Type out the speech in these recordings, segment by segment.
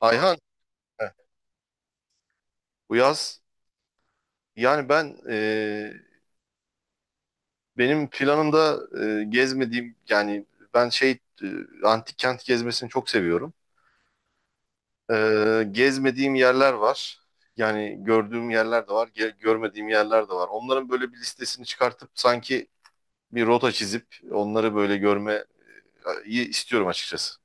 Ayhan, heh, bu yaz yani ben e, benim planımda gezmediğim ben şey e, antik kent gezmesini çok seviyorum. E, Gezmediğim yerler var. Yani gördüğüm yerler de var, görmediğim yerler de var. Onların böyle bir listesini çıkartıp sanki bir rota çizip onları böyle görmeyi istiyorum açıkçası.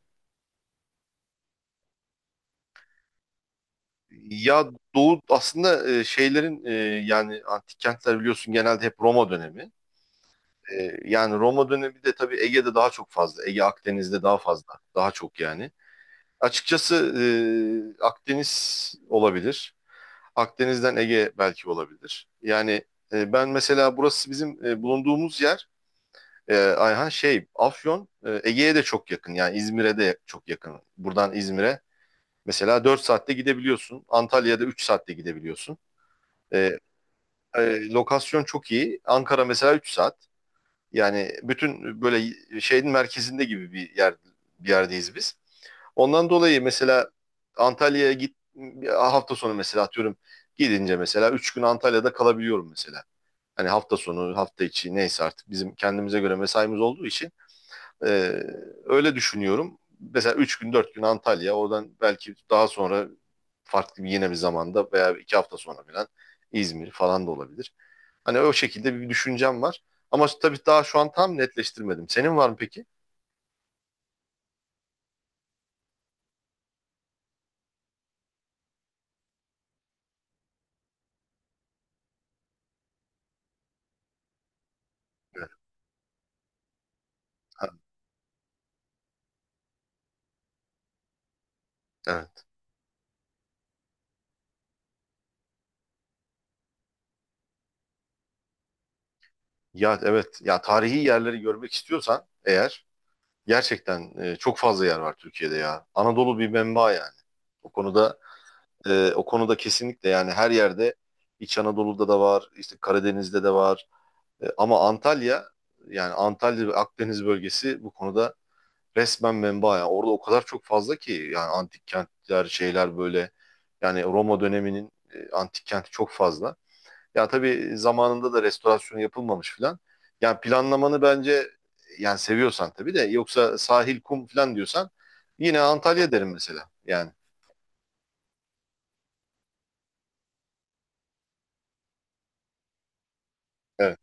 Ya Doğu aslında yani antik kentler biliyorsun genelde hep Roma dönemi. Yani Roma dönemi bir de tabii Ege'de daha çok fazla. Ege Akdeniz'de daha fazla. Daha çok yani. Açıkçası Akdeniz olabilir. Akdeniz'den Ege belki olabilir. Yani ben mesela burası bizim bulunduğumuz yer, Ayhan şey Afyon, Ege'ye de çok yakın. Yani İzmir'e de çok yakın. Buradan İzmir'e mesela 4 saatte gidebiliyorsun. Antalya'da 3 saatte gidebiliyorsun. E, Lokasyon çok iyi. Ankara mesela 3 saat. Yani bütün böyle şeyin merkezinde gibi bir yerdeyiz biz. Ondan dolayı mesela Antalya'ya git hafta sonu mesela atıyorum gidince mesela 3 gün Antalya'da kalabiliyorum mesela. Hani hafta sonu, hafta içi neyse artık bizim kendimize göre mesaimiz olduğu için ee, öyle düşünüyorum. Mesela 3 gün 4 gün Antalya, oradan belki daha sonra farklı bir yine bir zamanda veya 2 hafta sonra falan İzmir falan da olabilir. Hani o şekilde bir düşüncem var. Ama tabii daha şu an tam netleştirmedim. Senin var mı peki? Evet. Ha, evet. Ya evet. Ya tarihi yerleri görmek istiyorsan eğer gerçekten çok fazla yer var Türkiye'de ya. Anadolu bir menba yani. O konuda o konuda kesinlikle yani her yerde, İç Anadolu'da da var, işte Karadeniz'de de var. Ama Antalya, yani Antalya ve Akdeniz bölgesi bu konuda resmen menba. Yani orada o kadar çok fazla ki yani antik kentler şeyler böyle, yani Roma döneminin antik kenti çok fazla. Ya tabii zamanında da restorasyon yapılmamış filan. Yani planlamanı bence, yani seviyorsan tabii de yoksa sahil kum filan diyorsan yine Antalya derim mesela. Yani evet.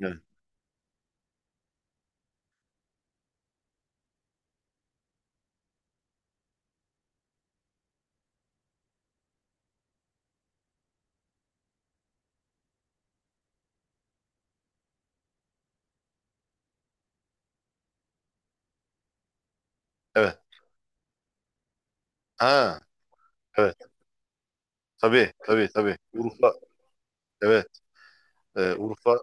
Evet. Evet. Ha, evet. Tabii tabii tabii. Urfa evet. Urfa...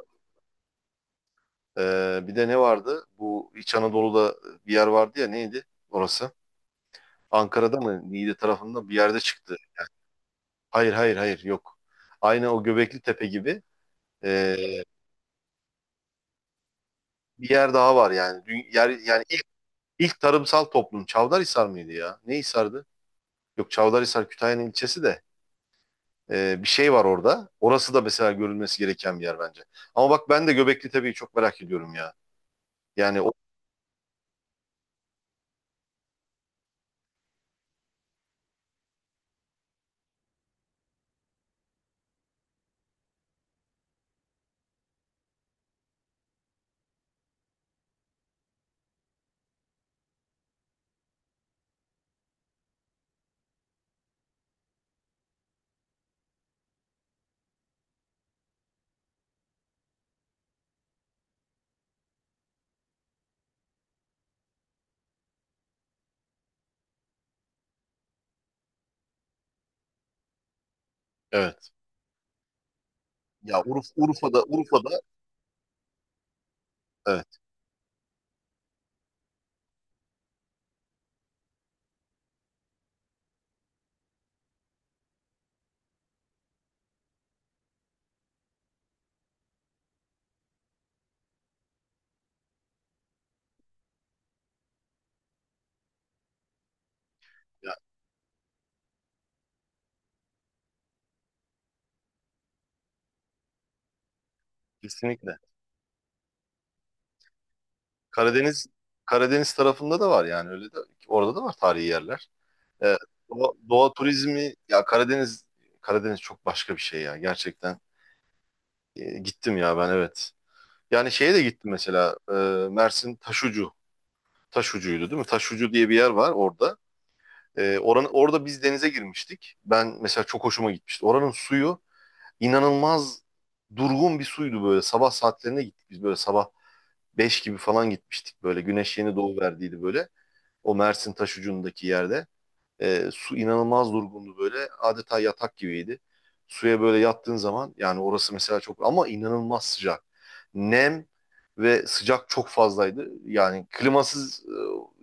Bir de ne vardı? Bu İç Anadolu'da bir yer vardı ya, neydi orası? Ankara'da mı? Niğde tarafında bir yerde çıktı. Hayır hayır hayır yok. Aynı o Göbekli Tepe gibi, ee, bir yer daha var yani. Yani ilk tarımsal toplum Çavdarhisar mıydı ya? Ne Hisar'dı? Yok, Çavdarhisar Kütahya'nın ilçesi de. Bir şey var orada. Orası da mesela görülmesi gereken bir yer bence. Ama bak ben de Göbekli Tepe'yi çok merak ediyorum ya. Yani o, Evet. Ya Urfa'da, Urfa'da evet, ya kesinlikle. Karadeniz Karadeniz tarafında da var yani, öyle de, orada da var tarihi yerler. Ee, Doğa turizmi ya Karadeniz, Karadeniz çok başka bir şey ya gerçekten. Gittim ya ben, evet. Yani şeye de gittim mesela, Mersin Taşucu. Taşucu'ydu değil mi? Taşucu diye bir yer var orada. Orada biz denize girmiştik. Ben mesela çok hoşuma gitmişti. Oranın suyu inanılmaz durgun bir suydu böyle. Sabah saatlerine gittik biz, böyle sabah 5 gibi falan gitmiştik böyle. Güneş yeni doğu verdiydi böyle. O Mersin Taşucu'ndaki yerde. Su inanılmaz durgundu böyle. Adeta yatak gibiydi. Suya böyle yattığın zaman, yani orası mesela çok ama inanılmaz sıcak. Nem ve sıcak çok fazlaydı. Yani klimasız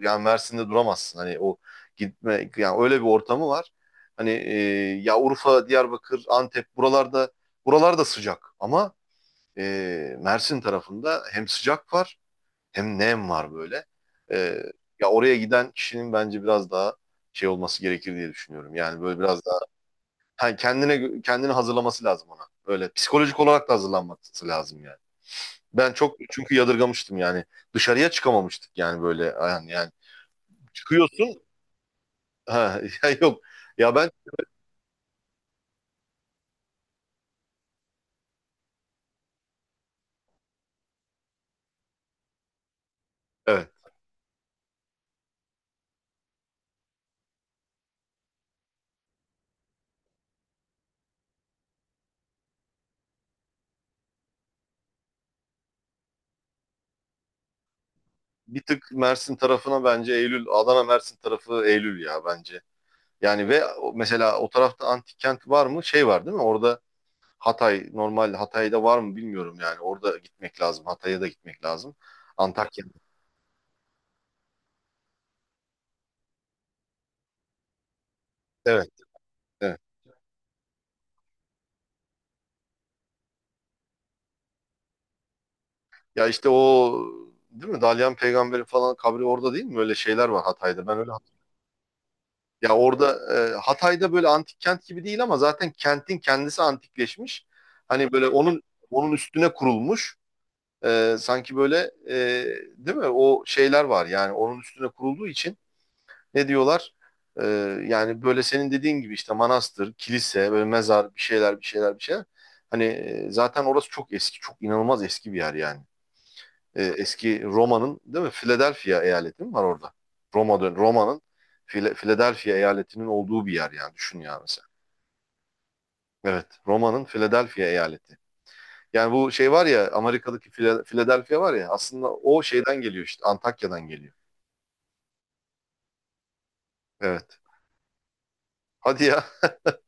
yani Mersin'de duramazsın. Hani o gitme, yani öyle bir ortamı var. Hani ya Urfa, Diyarbakır, Antep buralarda sıcak, ama Mersin tarafında hem sıcak var hem nem var böyle. Ee, Ya oraya giden kişinin bence biraz daha şey olması gerekir diye düşünüyorum. Yani böyle biraz daha, ha, kendini hazırlaması lazım ona. Böyle psikolojik olarak da hazırlanması lazım yani. Ben çok çünkü yadırgamıştım yani. Dışarıya çıkamamıştık yani, yani çıkıyorsun, ha ya yok. Ya ben evet, bir tık Mersin tarafına bence Eylül, Adana Mersin tarafı Eylül ya bence. Yani mesela o tarafta antik kent var mı? Şey var değil mi? Orada Hatay, normal Hatay'da var mı bilmiyorum yani. Orada gitmek lazım. Hatay'a da gitmek lazım. Antakya. Evet, evet. Ya işte o, değil mi? Dalyan Peygamber'in falan kabri orada değil mi? Öyle şeyler var Hatay'da. Ben öyle hatırlıyorum. Ya orada Hatay'da böyle antik kent gibi değil, ama zaten kentin kendisi antikleşmiş. Hani böyle onun üstüne kurulmuş. Sanki böyle, e, değil mi? O şeyler var yani, onun üstüne kurulduğu için. Ne diyorlar? Ee, Yani böyle senin dediğin gibi işte manastır, kilise, böyle mezar, bir şeyler bir şeyler bir şeyler. Hani zaten orası çok eski, çok inanılmaz eski bir yer yani. Eski Roma'nın, değil mi? Philadelphia eyaleti mi var orada? Roma'nın Philadelphia eyaletinin olduğu bir yer yani, düşün ya mesela. Evet, Roma'nın Philadelphia eyaleti. Yani bu şey var ya, Amerika'daki Philadelphia var ya, aslında o şeyden geliyor, işte Antakya'dan geliyor. Evet. Hadi ya.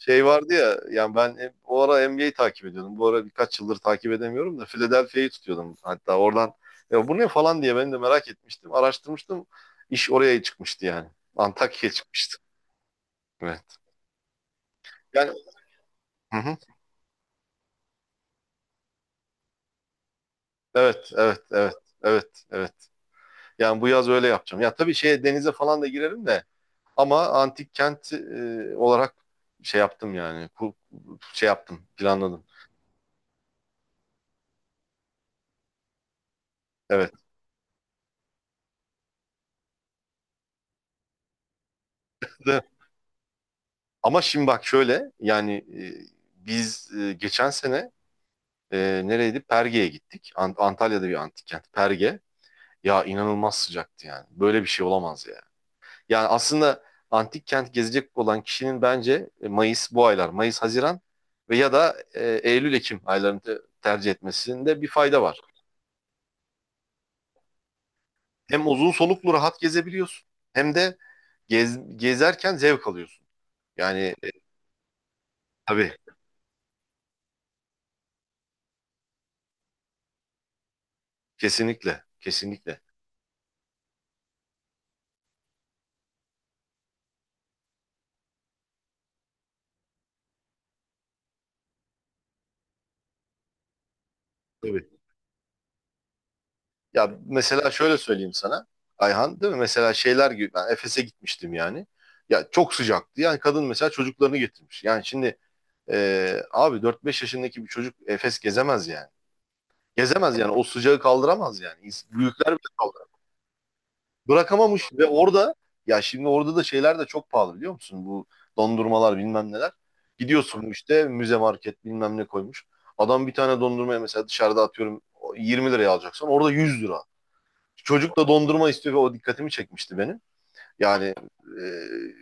Şey vardı ya yani, o ara NBA'yi takip ediyordum. Bu ara birkaç yıldır takip edemiyorum da Philadelphia'yı tutuyordum. Hatta oradan ya bu ne falan diye ben de merak etmiştim. Araştırmıştım. İş oraya çıkmıştı yani. Antakya'ya çıkmıştı. Evet. Yani hı hı. Evet, evet, evet. Evet, evet. Yani bu yaz öyle yapacağım. Ya tabii şeye denize falan da girerim de, ama antik kent olarak şey yaptım yani. Şey yaptım, planladım. Evet. Ama şimdi bak şöyle yani, geçen sene, nereydi? Perge'ye gittik. Antalya'da bir antik kent. Perge. Ya inanılmaz sıcaktı yani. Böyle bir şey olamaz ya. Yani aslında antik kent gezecek olan kişinin bence Mayıs, Haziran ve ya da Eylül, Ekim aylarını tercih etmesinde bir fayda var. Hem uzun soluklu rahat gezebiliyorsun hem de gezerken zevk alıyorsun. Yani tabii kesinlikle, kesinlikle. Tabii. Ya mesela şöyle söyleyeyim sana Ayhan, değil mi? Mesela şeyler gibi ben Efes'e gitmiştim yani. Ya çok sıcaktı. Yani kadın mesela çocuklarını getirmiş. Yani şimdi abi dört beş yaşındaki bir çocuk Efes gezemez yani. Gezemez yani, o sıcağı kaldıramaz yani. Büyükler bile kaldıramaz. Bırakamamış ve orada, ya şimdi orada da şeyler de çok pahalı biliyor musun? Bu dondurmalar bilmem neler. Gidiyorsun, işte müze market bilmem ne koymuş. Adam bir tane dondurmaya mesela dışarıda atıyorum 20 lira liraya alacaksan orada 100 lira. Çocuk da dondurma istiyor ve o dikkatimi çekmişti benim. Yani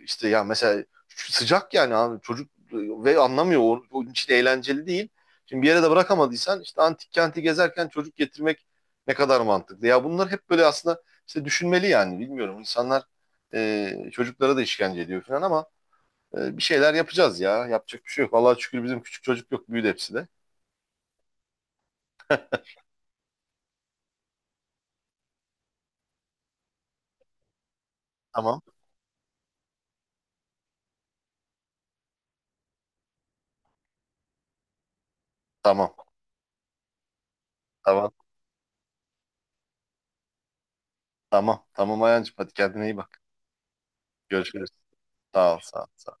işte ya mesela sıcak yani, abi çocuk ve anlamıyor. O, onun için eğlenceli değil. Şimdi bir yere de bırakamadıysan, işte antik kenti gezerken çocuk getirmek ne kadar mantıklı. Ya bunlar hep böyle aslında, işte düşünmeli yani, bilmiyorum. İnsanlar çocuklara da işkence ediyor falan, ama bir şeyler yapacağız ya. Yapacak bir şey yok. Vallahi şükür bizim küçük çocuk yok. Büyüdü hepsi de. Tamam. Tamam. Tamam. Tamam. Tamam Ayancığım. Hadi kendine iyi bak. Görüşürüz. Sağ ol. Sağ ol. Sağ ol.